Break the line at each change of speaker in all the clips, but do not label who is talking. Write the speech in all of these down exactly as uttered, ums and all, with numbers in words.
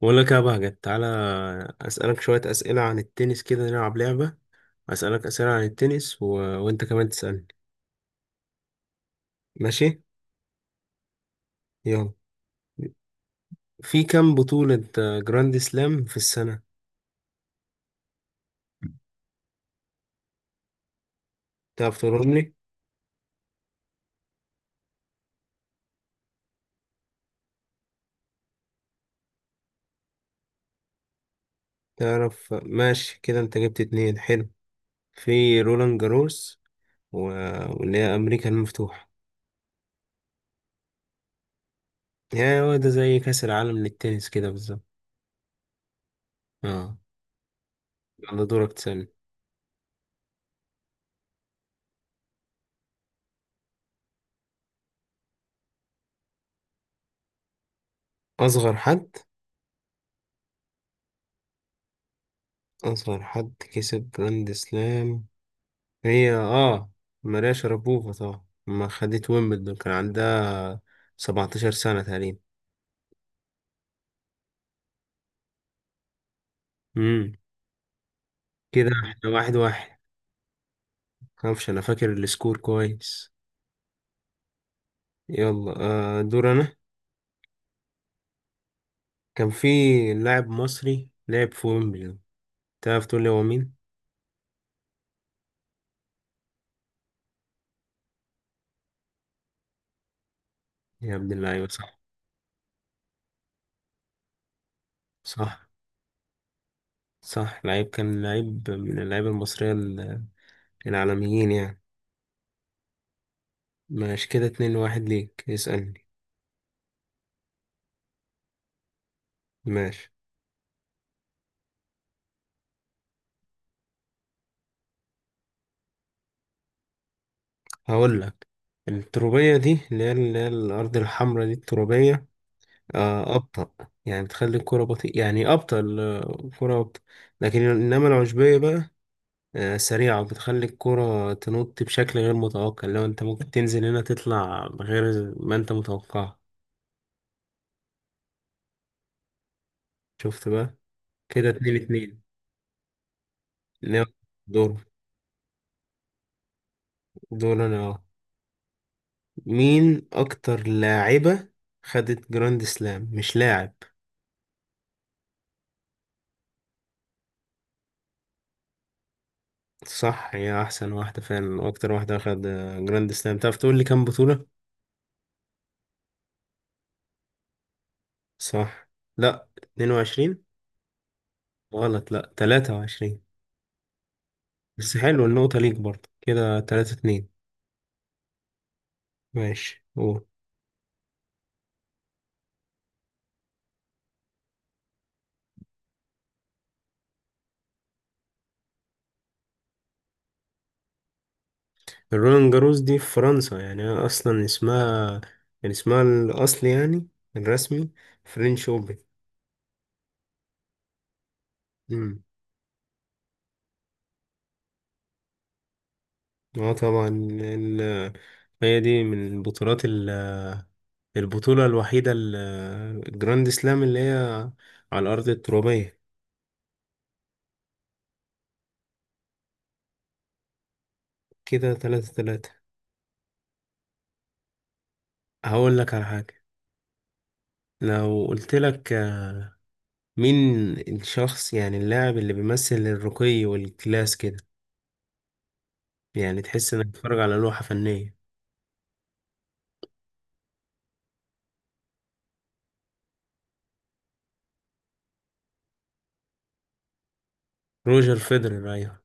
بقول لك يا بهجت، تعالى أسألك شوية أسئلة عن التنس، كده نلعب لعبة. أسألك أسئلة عن التنس و... وأنت كمان تسألني. ماشي، يلا. في كام بطولة آه، جراند سلام في السنة؟ تعرف تقولهم لي؟ تعرف ماشي كده، أنت جبت اتنين، حلو. في رولان جاروس و... واللي هي أمريكا المفتوحة. يعني هو ده زي كأس العالم للتنس كده بالظبط. اه. يلا دورك تسألني. أصغر حد. أصغر حد كسب جراند سلام، هي اه ماريا شربوفا طبعا، ما خدت ويمبلدون كان عندها 17 سنة تقريبا. امم كده احنا واحد واحد. معرفش انا فاكر السكور كويس. يلا، آه دور انا. كان في لاعب مصري لعب في ويمبلدون، تعرف تقول لي هو مين؟ يا ابن اللعيبة، صح. صح، صح، لعيب كان لعيب من اللعيبة المصرية ال- العالميين يعني. ماشي كده، اتنين واحد ليك. اسألني. ماشي، هقول لك. التربية دي اللي هي اللي هي الأرض الحمراء، دي التربية، آه، أبطأ. يعني بتخلي الكرة بطيئة، يعني أبطأ، الكرة أبطأ. لكن إنما العشبية بقى، آه، سريعة، بتخلي الكرة تنط بشكل غير متوقع. لو أنت ممكن تنزل هنا تطلع غير ما أنت متوقع. شفت بقى. كده اتنين اتنين. إنما دور دور أنا، أه مين أكتر لاعبة خدت جراند سلام؟ مش لاعب. صح، هي احسن واحده فعلا واكتر واحده اخد جراند سلام. تعرف تقول لي كام بطوله؟ صح. لا، اتنين وعشرين. غلط، لا، تلاتة وعشرين. بس حلو، النقطه ليك برضه. كده ثلاثة اثنين. ماشي، قول. الرولان جاروس دي في فرنسا، يعني اصلا اسمها، يعني اسمها الاصلي يعني الرسمي، فرنش اوبن. امم اه طبعا. ال- هي دي من البطولات، ال- البطوله الوحيده ال- الجراند سلام اللي هي على الارض الترابيه. كده ثلاثة ثلاثة. هقول لك على حاجة. لو قلت لك، آه، مين الشخص، يعني اللاعب اللي بيمثل الرقي والكلاس كده، يعني تحس انك بتتفرج على لوحة فنية؟ روجر فيدرر، ايوه،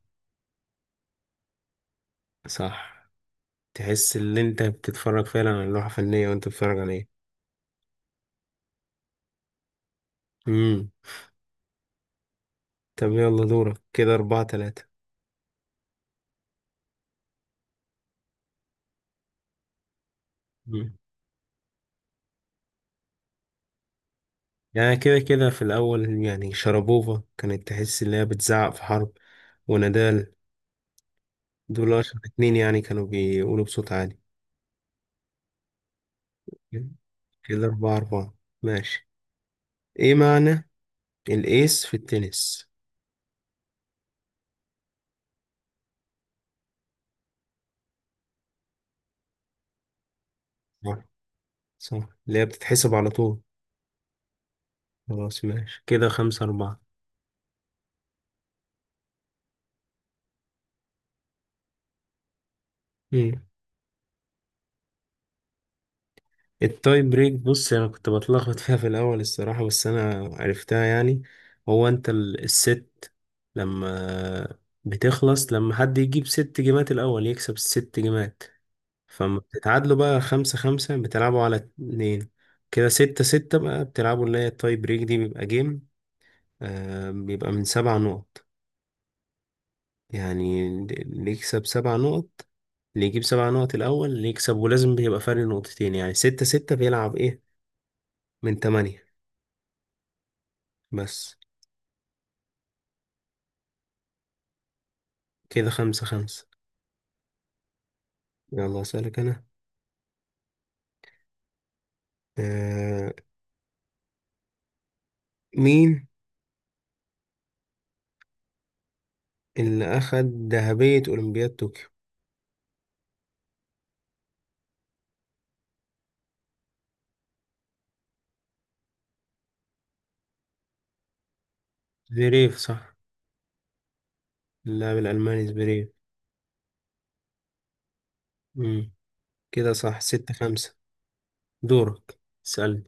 صح. تحس ان انت بتتفرج فعلا على لوحة فنية وانت بتتفرج عليها. امم طب يلا دورك. كده أربعة ثلاثة. مم. يعني كده كده، في الأول يعني شربوفا، كانت تحس إن هي بتزعق في حرب، ونادال، دول أشهر اتنين يعني كانوا بيقولوا بصوت عالي. كده أربعة أربعة. ماشي. إيه معنى الإيس في التنس؟ صح، صح، اللي هي بتتحسب على طول. خلاص، ماشي، كده خمسة أربعة. مم. التاي بريك، بص، أنا كنت بتلخبط فيها في الأول الصراحة، بس أنا عرفتها يعني. هو أنت ال- الست لما بتخلص، لما حد يجيب ست جيمات الأول يكسب الست جيمات. فما بتتعادلوا بقى خمسة خمسة، بتلعبوا على اتنين. كده ستة ستة بقى، بتلعبوا اللي هي التاي بريك دي، بيبقى جيم، آه بيبقى من سبع نقط. يعني اللي يكسب سبع نقط، اللي يجيب سبع نقط الأول اللي يكسب، ولازم بيبقى فرق نقطتين. يعني ستة ستة بيلعب إيه، من تمانية بس. كده خمسة خمسة. يلا أسألك أنا. آه مين اللي أخد ذهبية أولمبياد طوكيو؟ زverev، صح. اللاعب الألماني زverev. مم. كده صح، ستة خمسة. دورك، اسألني.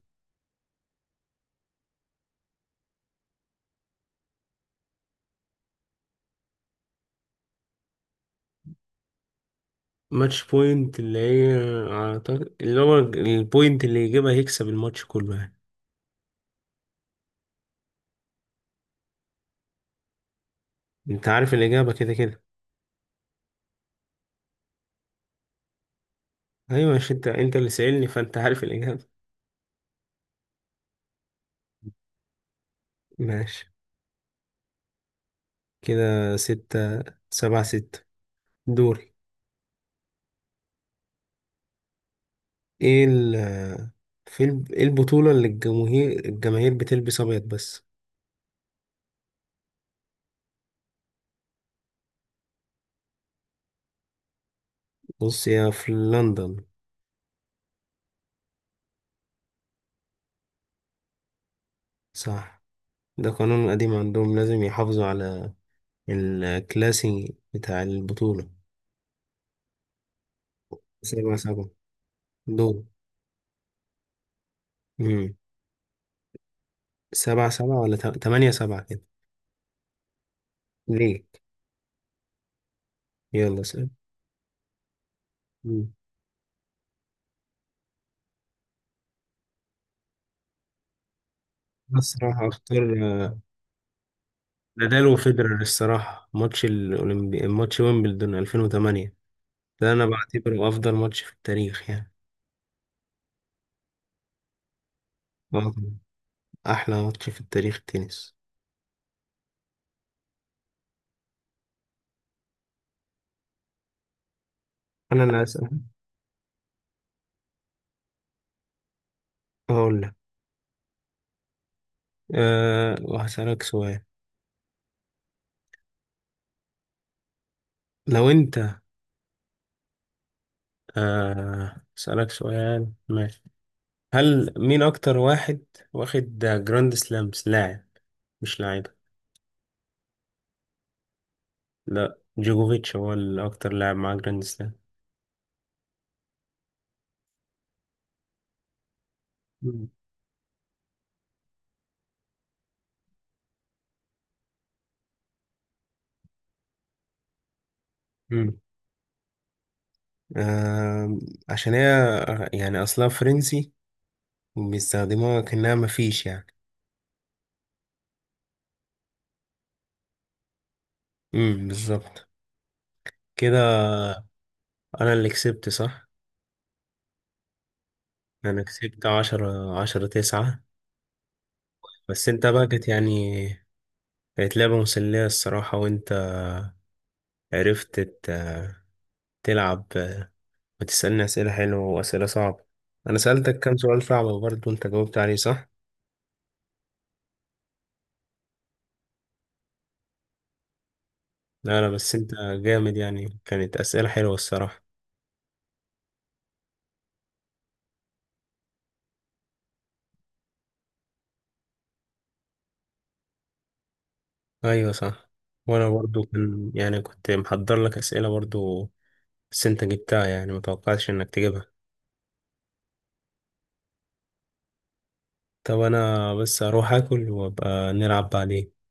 ماتش بوينت، اللي هي، أعتقد اللي هو البوينت اللي يجيبها يكسب الماتش كله يعني. انت عارف الإجابة كده كده. أيوة، مش انت انت اللي سألني؟ فانت عارف الإجابة. ماشي، كده ستة سبعة ستة. دوري. ايه ال في ال- ايه البطولة اللي الجماهير الجماهير بتلبس أبيض بس؟ بص، هي في لندن. صح. ده قانون قديم عندهم، لازم يحافظوا على الكلاسي بتاع البطولة. سبعة سبعة. دور. مم. سبعة سبعة، ولا تا- تمانية سبعة كده؟ ليه؟ يلا سبعة. بس راح أختار نادال وفيدرر الصراحة، ماتش الأولمبي، ماتش ويمبلدون ألفين وثمانية. ده أنا بعتبره أفضل ماتش في التاريخ يعني. آه، أحلى ماتش في التاريخ التنس. أنا اللي هسأل. هقول لك، أه وهسألك سؤال. لو أنت، أه هسألك سؤال، ماشي. هل مين أكتر واحد واخد جراند سلامز، لاعب مش لاعب؟ لا، جوجوفيتش هو الأكتر لاعب مع جراند سلام. مم. مم. آم، عشان هي، يعني أصلها فرنسي، بيستخدموها كأنها مفيش يعني. امم، بالظبط، كده. انا اللي كسبت، صح؟ انا كسبت عشرة عشرة تسعة. بس انت بقى كانت يعني، كانت لعبة مسلية الصراحة، وانت عرفت ت- تلعب وتسألني أسئلة حلوة وأسئلة صعبة. انا سألتك كام سؤال صعب برضه، انت جاوبت عليه صح. لا، لا، بس انت جامد يعني، كانت أسئلة حلوة الصراحة. ايوه، صح. وانا برضه كان يعني كنت محضر لك أسئلة برضه. بس انت جبتها، يعني متوقعتش انك تجيبها. طب انا بس اروح اكل وابقى نلعب بعدين.